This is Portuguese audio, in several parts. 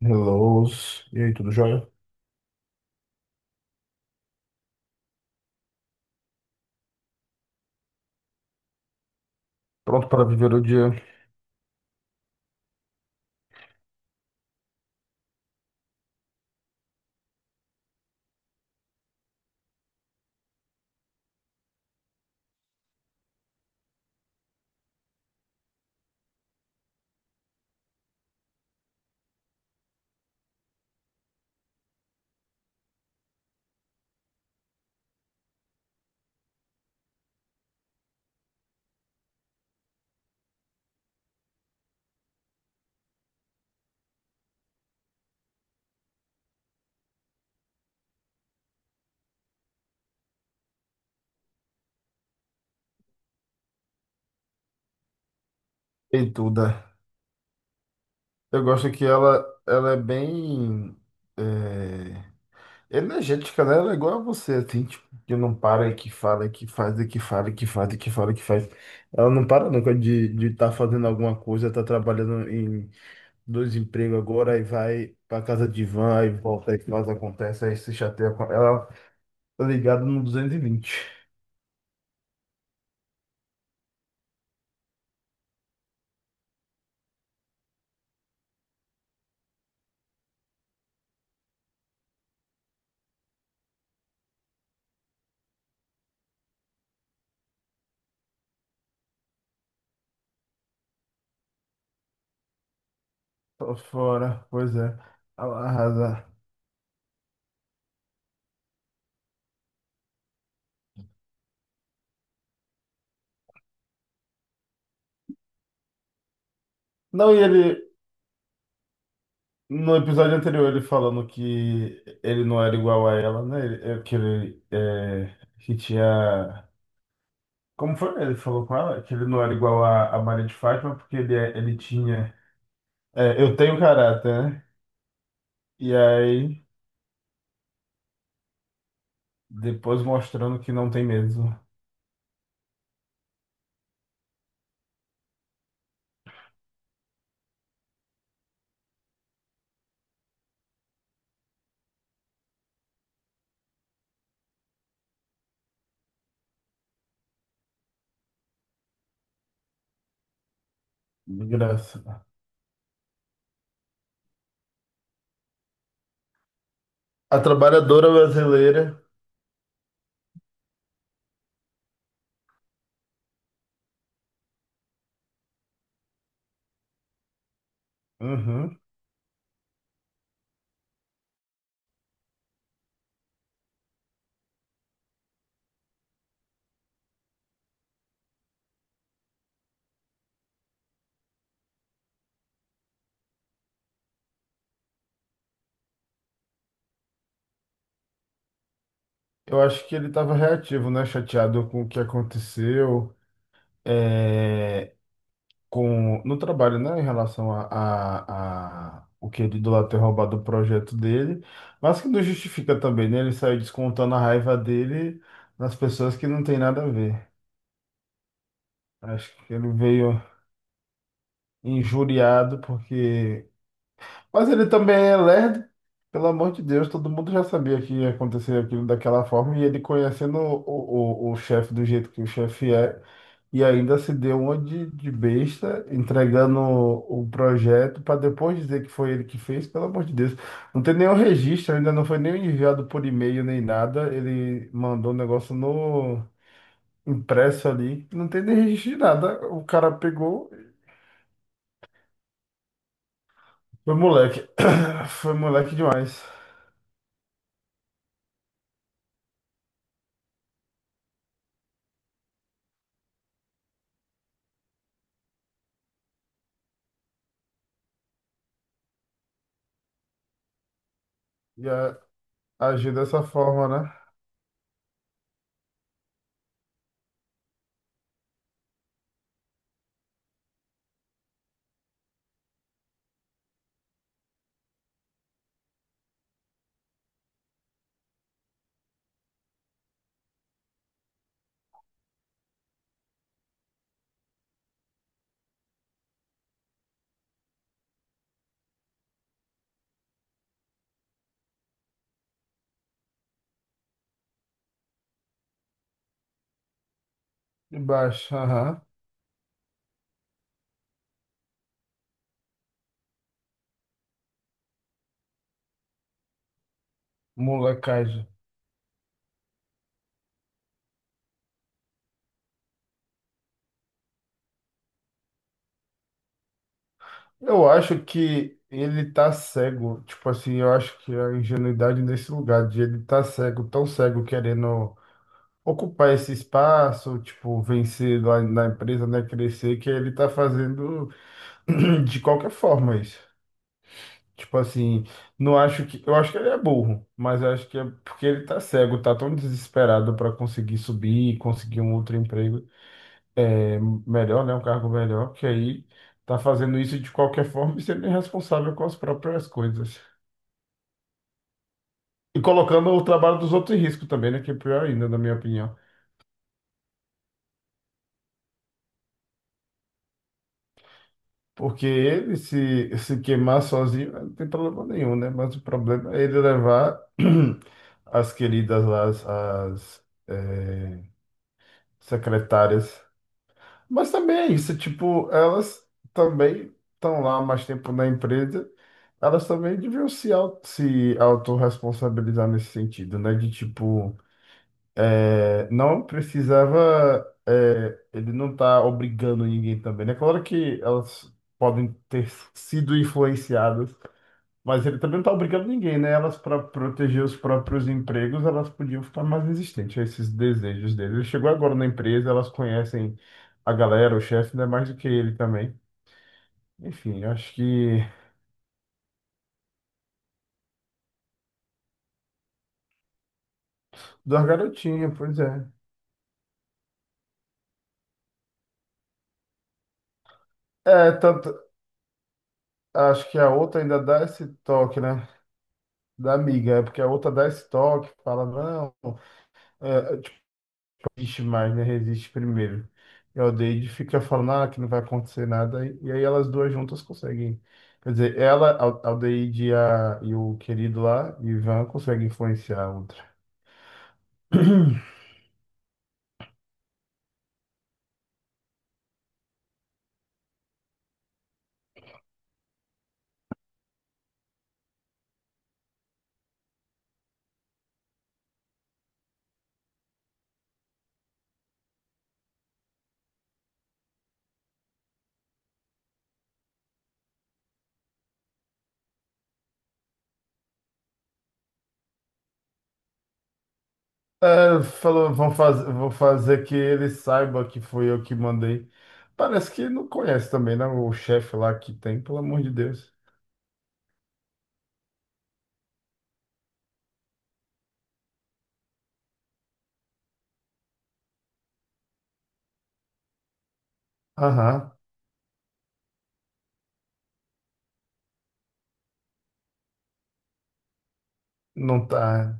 Hello. E aí, tudo jóia? Pronto para viver o dia. E tudo. Eu gosto que ela é bem é, energética, né? Ela é igual a você, assim, tipo, que não para e que fala, e que faz, e que fala, e que faz, e que fala, e que faz. Ela não para nunca de estar fazendo alguma coisa, tá trabalhando em dois empregos agora, aí vai para casa de van, aí volta, aí faz, acontece, aí se chateia com ela. Tá ligado no 220. Tô fora, pois é. Ela arrasa. Não, e ele. No episódio anterior, ele falando que ele não era igual a ela, né? Que ele é, que tinha. Como foi? Ele falou com ela que ele não era igual a Maria de Fátima porque ele tinha. Eu tenho caráter, né? E aí, depois mostrando que não tem mesmo. De graça. A trabalhadora brasileira. Uhum. Eu acho que ele estava reativo, né? Chateado com o que aconteceu. É, com no trabalho, né, em relação a o que ele do lado ter roubado o projeto dele, mas que não justifica também, né? Ele saiu descontando a raiva dele nas pessoas que não tem nada a ver. Acho que ele veio injuriado porque mas ele também é lerdo. Pelo amor de Deus, todo mundo já sabia que ia acontecer aquilo daquela forma e ele conhecendo o chefe do jeito que o chefe é e ainda se deu uma de besta entregando o projeto para depois dizer que foi ele que fez, pelo amor de Deus. Não tem nenhum registro, ainda não foi nem enviado por e-mail nem nada. Ele mandou o negócio no impresso ali, não tem nem registro de nada. O cara pegou, foi moleque, foi moleque demais. E a- Agir dessa forma, né? De baixo, aham. Molecagem. Eu acho que ele tá cego. Tipo assim, eu acho que a ingenuidade nesse lugar, de ele tá cego, tão cego, querendo ocupar esse espaço, tipo, vencer lá na empresa, né? Crescer, que ele tá fazendo de qualquer forma isso. Tipo assim, não acho que. Eu acho que ele é burro, mas eu acho que é porque ele tá cego, tá tão desesperado para conseguir subir, conseguir um outro emprego. É melhor, né? Um cargo melhor, que aí tá fazendo isso de qualquer forma e sendo irresponsável com as próprias coisas. E colocando o trabalho dos outros em risco também, né? Que é pior ainda, na minha opinião. Porque ele se queimar sozinho não tem problema nenhum, né? Mas o problema é ele levar as queridas lá, as secretárias. Mas também é isso, tipo, elas também estão lá mais tempo na empresa, elas também deviam se autorresponsabilizar nesse sentido, né? De tipo, não precisava, ele não tá obrigando ninguém também, né? Claro que elas podem ter sido influenciadas, mas ele também não está obrigando ninguém, né? Elas, para proteger os próprios empregos, elas podiam ficar mais resistentes a esses desejos dele. Ele chegou agora na empresa, elas conhecem a galera, o chefe, né, mais do que ele também. Enfim, acho que. Da garotinha, pois é. É, tanto. Acho que a outra ainda dá esse toque, né? Da amiga, é porque a outra dá esse toque, fala, não. É, resiste mais, né? Resiste primeiro. E a Odeide fica falando ah, que não vai acontecer nada. E aí elas duas juntas conseguem. Quer dizer, ela, a Aldeide e o querido lá, Ivan, conseguem influenciar a outra. É, falou, vão fazer, vou fazer que ele saiba que foi eu que mandei. Parece que não conhece também, né? O chefe lá que tem, pelo amor de Deus. Aham, não tá.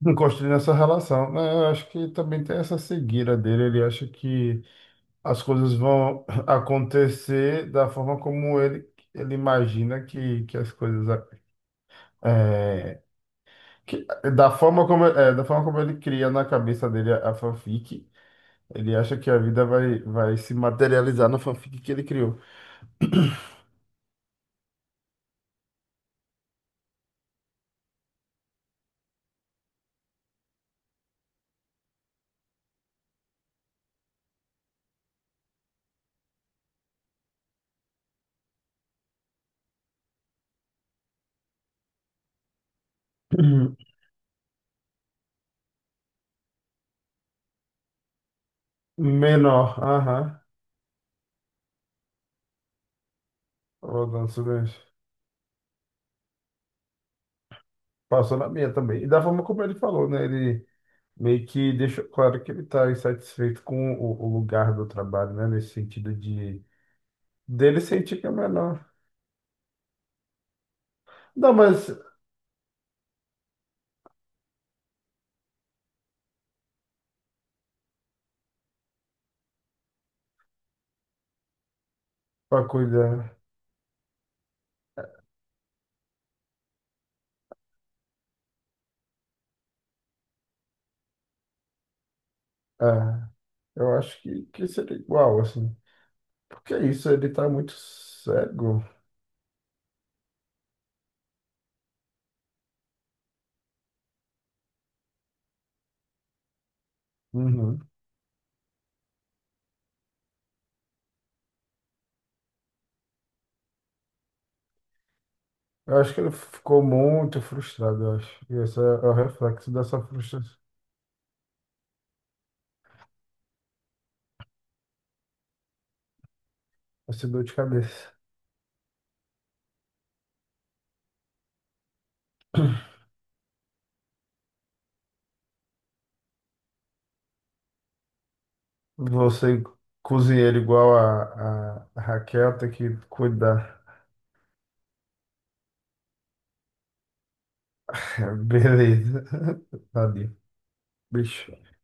Não construindo essa relação, né? Eu acho que também tem essa cegueira dele. Ele acha que as coisas vão acontecer da forma como ele imagina que as coisas é, que- da forma como é, da forma como ele cria na cabeça dele a fanfic, ele acha que a vida vai se materializar na fanfic que ele criou. Uhum. Menor, aham. Rodando silêncio. Passou na minha também. E da forma como ele falou, né? Ele meio que deixou claro que ele está insatisfeito com o lugar do trabalho, né? Nesse sentido de dele sentir que é menor. Não, mas para cuidar, ah, eu acho que seria igual, assim. Porque é isso, ele tá muito cego. Uhum. Eu acho que ele ficou muito frustrado, eu acho. E esse é o reflexo dessa frustração, essa dor de cabeça. Você cozinheiro igual a Raquel, tem que cuidar. Beleza. Tadinho. Bicho.